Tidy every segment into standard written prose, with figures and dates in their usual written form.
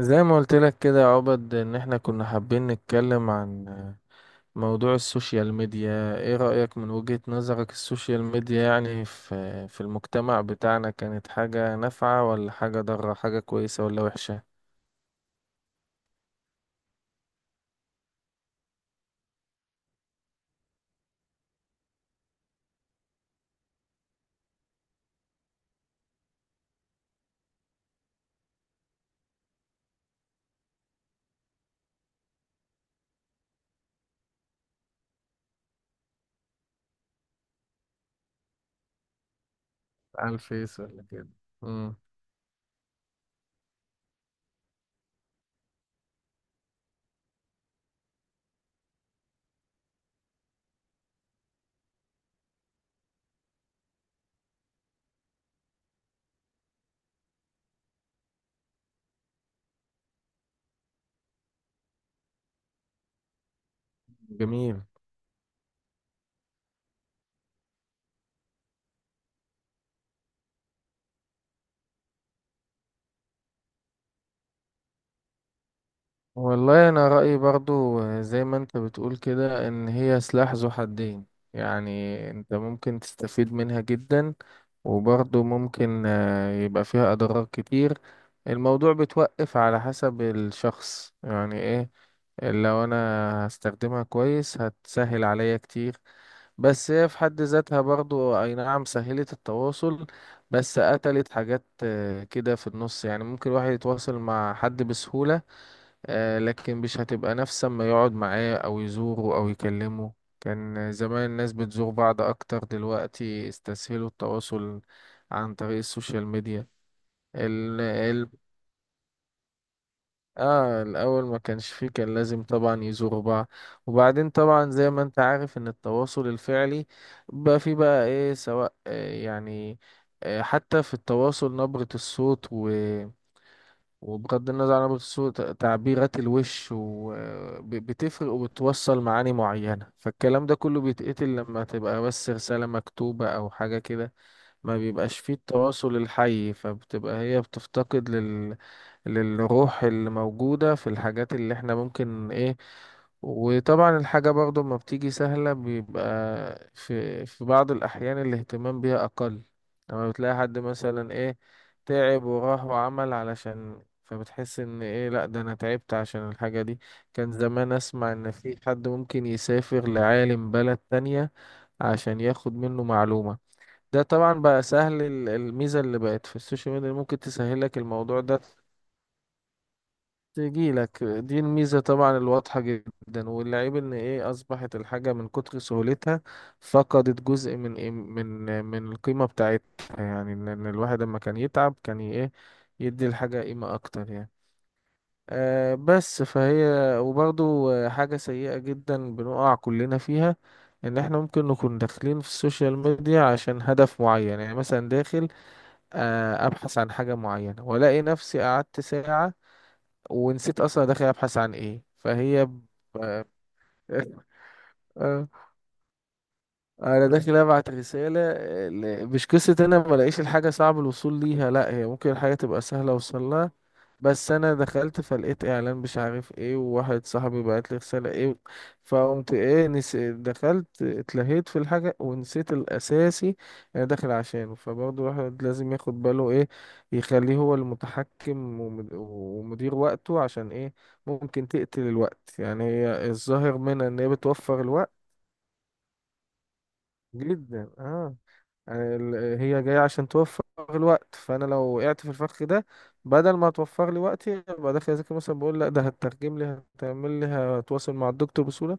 زي ما قلت لك كده يا عبد، ان احنا كنا حابين نتكلم عن موضوع السوشيال ميديا. ايه رأيك من وجهة نظرك؟ السوشيال ميديا يعني في المجتمع بتاعنا كانت حاجة نافعة ولا حاجة ضارة، حاجة كويسة ولا وحشة؟ على الفيس ولا كده؟ امم جميل. والله انا رأيي برضو زي ما انت بتقول كده، ان هي سلاح ذو حدين. يعني انت ممكن تستفيد منها جدا، وبرضو ممكن يبقى فيها اضرار كتير. الموضوع بتوقف على حسب الشخص يعني ايه. لو انا هستخدمها كويس هتسهل عليا كتير. بس هي في حد ذاتها، برضو اي نعم سهلت التواصل، بس قتلت حاجات كده في النص. يعني ممكن الواحد يتواصل مع حد بسهولة، لكن مش هتبقى نفس ما يقعد معاه او يزوره او يكلمه. كان زمان الناس بتزور بعض اكتر، دلوقتي استسهلوا التواصل عن طريق السوشيال ميديا. ال ال اه، الاول ما كانش فيه، كان لازم طبعا يزوروا بعض. وبعدين طبعا زي ما انت عارف ان التواصل الفعلي بقى فيه بقى ايه، سواء حتى في التواصل نبرة الصوت، وبغض النظر عن الصوت تعبيرات الوش، وبتفرق وبتوصل معاني معينة. فالكلام ده كله بيتقتل لما تبقى بس رسالة مكتوبة أو حاجة كده. ما بيبقاش فيه التواصل الحي، فبتبقى هي بتفتقد للروح اللي موجودة في الحاجات اللي احنا ممكن ايه. وطبعا الحاجة برضو ما بتيجي سهلة، بيبقى في بعض الأحيان الاهتمام بيها أقل. لما بتلاقي حد مثلا إيه، تعب وراح وعمل علشان، فبتحس إن إيه، لأ ده أنا تعبت عشان الحاجة دي. كان زمان أسمع إن في حد ممكن يسافر لعالم بلد تانية عشان ياخد منه معلومة. ده طبعا بقى سهل. الميزة اللي بقت في السوشيال ميديا ممكن تسهلك الموضوع ده، تجي لك. دي الميزة طبعا الواضحة جدا. والعيب ان ايه، اصبحت الحاجة من كتر سهولتها فقدت جزء من إيه، من القيمة بتاعتها. يعني ان الواحد لما كان يتعب، كان ايه، يدي الحاجة قيمة اكتر يعني. بس فهي، وبرضو حاجة سيئة جدا بنقع كلنا فيها، ان احنا ممكن نكون داخلين في السوشيال ميديا عشان هدف معين. يعني مثلا داخل ابحث عن حاجة معينة، والاقي نفسي قعدت ساعة ونسيت اصلا داخل ابحث عن ايه. فهي ب... آه، انا داخل ابعت رسالة مش قصة انا ما الاقيش الحاجة، صعب الوصول ليها. لا، هي ممكن الحاجة تبقى سهلة اوصلها، بس انا دخلت فلقيت اعلان مش عارف ايه، وواحد صاحبي بعت لي رساله ايه، فقمت ايه دخلت اتلهيت في الحاجه ونسيت الاساسي انا داخل عشانه. فبرضه الواحد لازم ياخد باله، ايه، يخليه هو المتحكم ومدير وقته، عشان ايه، ممكن تقتل الوقت. يعني هي الظاهر منها ان هي بتوفر الوقت. جدا، اه. يعني هي جاية عشان توفر الوقت. فأنا لو وقعت في الفخ ده، بدل ما توفر لي وقتي، يبقى داخل أذاكر مثلا بقول لأ ده هترجم لي، هتعمل لي، هتواصل مع الدكتور بسهولة،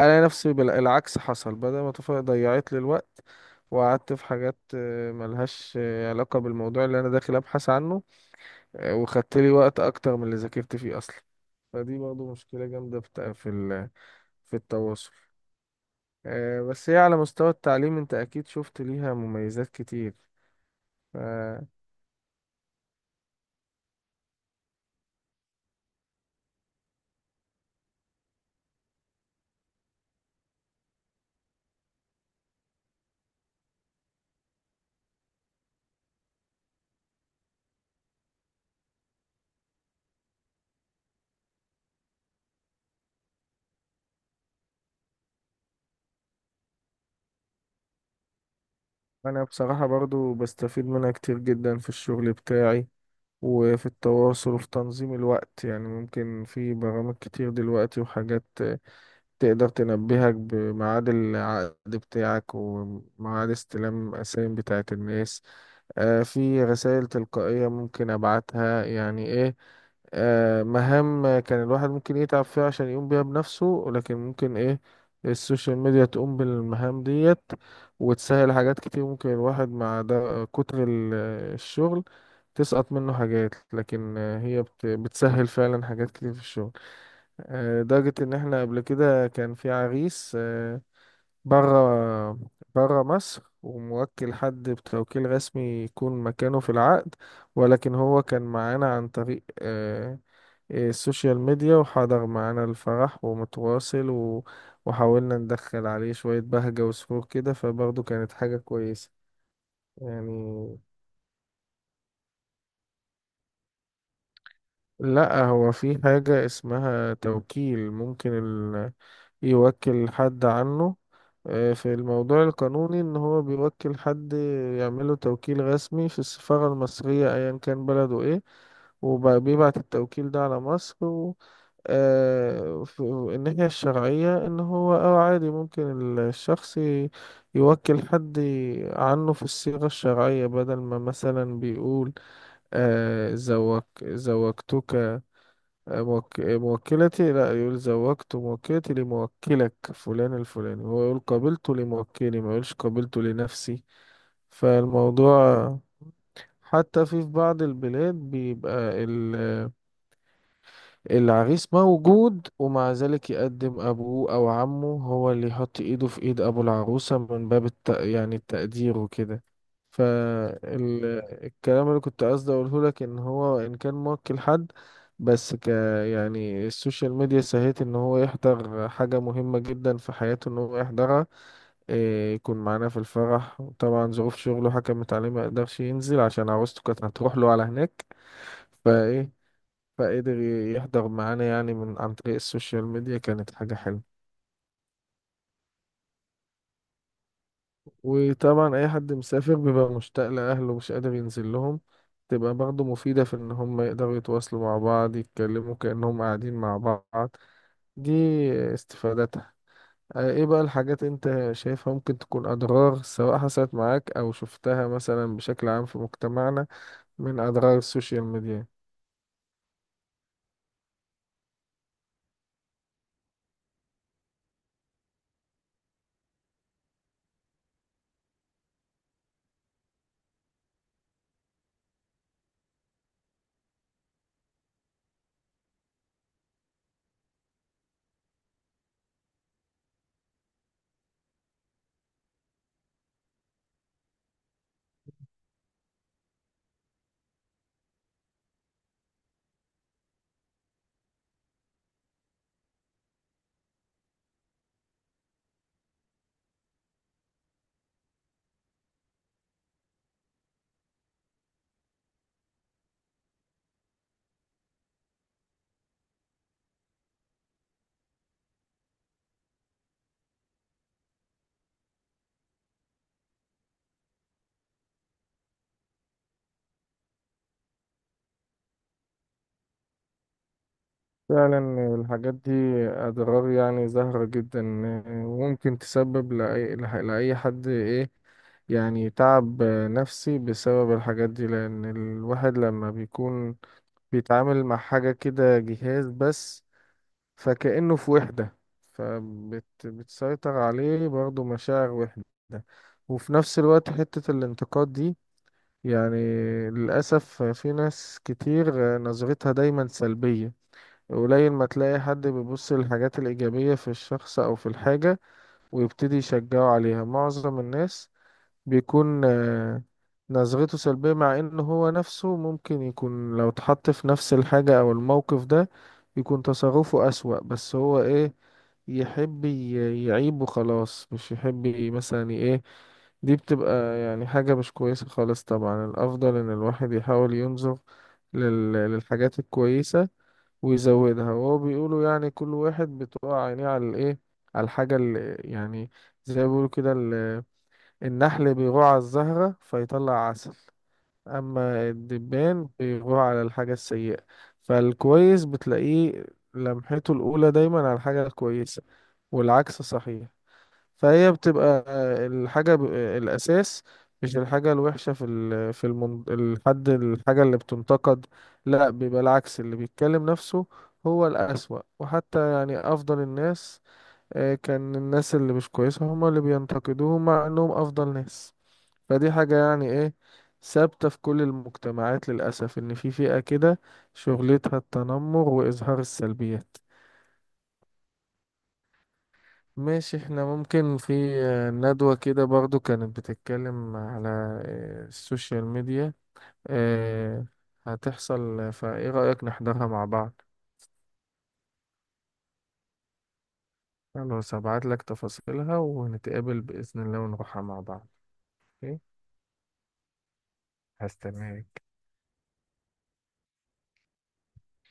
ألاقي نفسي العكس حصل، بدل ما توفر ضيعت لي الوقت، وقعدت في حاجات ملهاش علاقة بالموضوع اللي أنا داخل أبحث عنه، وخدت لي وقت أكتر من اللي ذاكرت فيه أصلا. فدي برضه مشكلة جامدة في التواصل. بس هي على مستوى التعليم أنت أكيد شفت ليها مميزات كتير. آه، انا بصراحة برضو بستفيد منها كتير جدا في الشغل بتاعي، وفي التواصل وفي تنظيم الوقت. يعني ممكن في برامج كتير دلوقتي وحاجات تقدر تنبهك بميعاد العقد بتاعك وميعاد استلام الأسايم بتاعت الناس. في رسائل تلقائية ممكن أبعتها يعني إيه. مهام كان الواحد ممكن يتعب فيها عشان يقوم بيها بنفسه، ولكن ممكن إيه، السوشيال ميديا تقوم بالمهام ديت وتسهل حاجات كتير. ممكن الواحد مع ده كتر الشغل تسقط منه حاجات، لكن هي بتسهل فعلا حاجات كتير في الشغل. لدرجة إن إحنا قبل كده كان في عريس بره بره مصر، وموكل حد بتوكيل رسمي يكون مكانه في العقد. ولكن هو كان معانا عن طريق السوشيال ميديا، وحضر معانا الفرح ومتواصل، و... وحاولنا ندخل عليه شوية بهجة وسرور كده، فبرضه كانت حاجة كويسة يعني. لا، هو في حاجة اسمها توكيل، ممكن يوكل حد عنه. في الموضوع القانوني، ان هو بيوكل حد يعمله توكيل رسمي في السفارة المصرية ايا كان بلده ايه، وبيبعت التوكيل ده على مصر. و... في الناحية الشرعية، إن هو أو عادي ممكن الشخص يوكل حد عنه في الصيغة الشرعية، بدل ما مثلا بيقول زوج زوجتك، موكلتي، لا يقول زوجت موكلتي لموكلك فلان الفلاني، هو يقول قابلت لموكلي، ما يقولش قابلت لنفسي. فالموضوع حتى في بعض البلاد بيبقى العريس موجود، ومع ذلك يقدم أبوه أو عمه هو اللي يحط إيده في إيد أبو العروسة من باب يعني التقدير وكده. فالكلام اللي كنت قصدي أقوله لك، إن هو إن كان موكل حد، بس ك يعني السوشيال ميديا سهلت إن هو يحضر حاجة مهمة جدا في حياته، إن هو يحضرها، إيه، يكون معانا في الفرح. طبعا ظروف شغله حكمت عليه ما يقدرش ينزل، عشان عروسته كانت هتروح له على هناك، فإيه، فقدر يحضر معانا يعني من عن طريق السوشيال ميديا. كانت حاجة حلوة. وطبعا أي حد مسافر بيبقى مشتاق لأهله ومش قادر ينزل لهم، تبقى برضه مفيدة في إن هم يقدروا يتواصلوا مع بعض، يتكلموا كأنهم قاعدين مع بعض. دي استفادتها. إيه بقى الحاجات أنت شايفها ممكن تكون أضرار، سواء حصلت معاك أو شفتها مثلا بشكل عام في مجتمعنا من أضرار السوشيال ميديا؟ فعلا الحاجات دي أضرار يعني ظاهرة جدا، وممكن تسبب لأي، لأي حد إيه، يعني تعب نفسي بسبب الحاجات دي. لأن الواحد لما بيكون بيتعامل مع حاجة كده، جهاز بس، فكأنه في وحدة، فبتسيطر عليه برضه مشاعر وحدة. وفي نفس الوقت حتة الانتقاد دي، يعني للأسف في ناس كتير نظرتها دايما سلبية. قليل ما تلاقي حد بيبص للحاجات الإيجابية في الشخص أو في الحاجة ويبتدي يشجعه عليها. معظم الناس بيكون نظرته سلبية، مع إن هو نفسه ممكن يكون لو اتحط في نفس الحاجة أو الموقف ده يكون تصرفه أسوأ. بس هو إيه، يحب يعيب وخلاص، مش يحب إيه. دي بتبقى يعني حاجة مش كويسة خالص. طبعا الأفضل إن الواحد يحاول ينظر للحاجات الكويسة ويزودها. وهو بيقولوا يعني كل واحد بتقع عينيه على الايه، على الحاجة اللي يعني، زي ما بيقولوا كده، النحل بيغوع على الزهرة فيطلع عسل، أما الدبان بيغوع على الحاجة السيئة. فالكويس بتلاقيه لمحته الأولى دايما على الحاجة الكويسة، والعكس صحيح. فهي بتبقى الحاجة الأساس، مش الحاجة الوحشة في ال في المن... الحد الحاجة اللي بتنتقد، لا، بيبقى العكس، اللي بيتكلم نفسه هو الأسوأ. وحتى يعني أفضل الناس، كان الناس اللي مش كويسة هما اللي بينتقدوهم، مع إنهم أفضل ناس. فدي حاجة يعني إيه، ثابتة في كل المجتمعات للأسف، إن في فئة كده شغلتها التنمر وإظهار السلبيات. ماشي، احنا ممكن في ندوة كده برضو كانت بتتكلم على السوشيال ميديا، آه، هتحصل، فايه رأيك نحضرها مع بعض؟ خلاص هبعت لك تفاصيلها ونتقابل بإذن الله ونروحها مع بعض. اوكي، هستناك.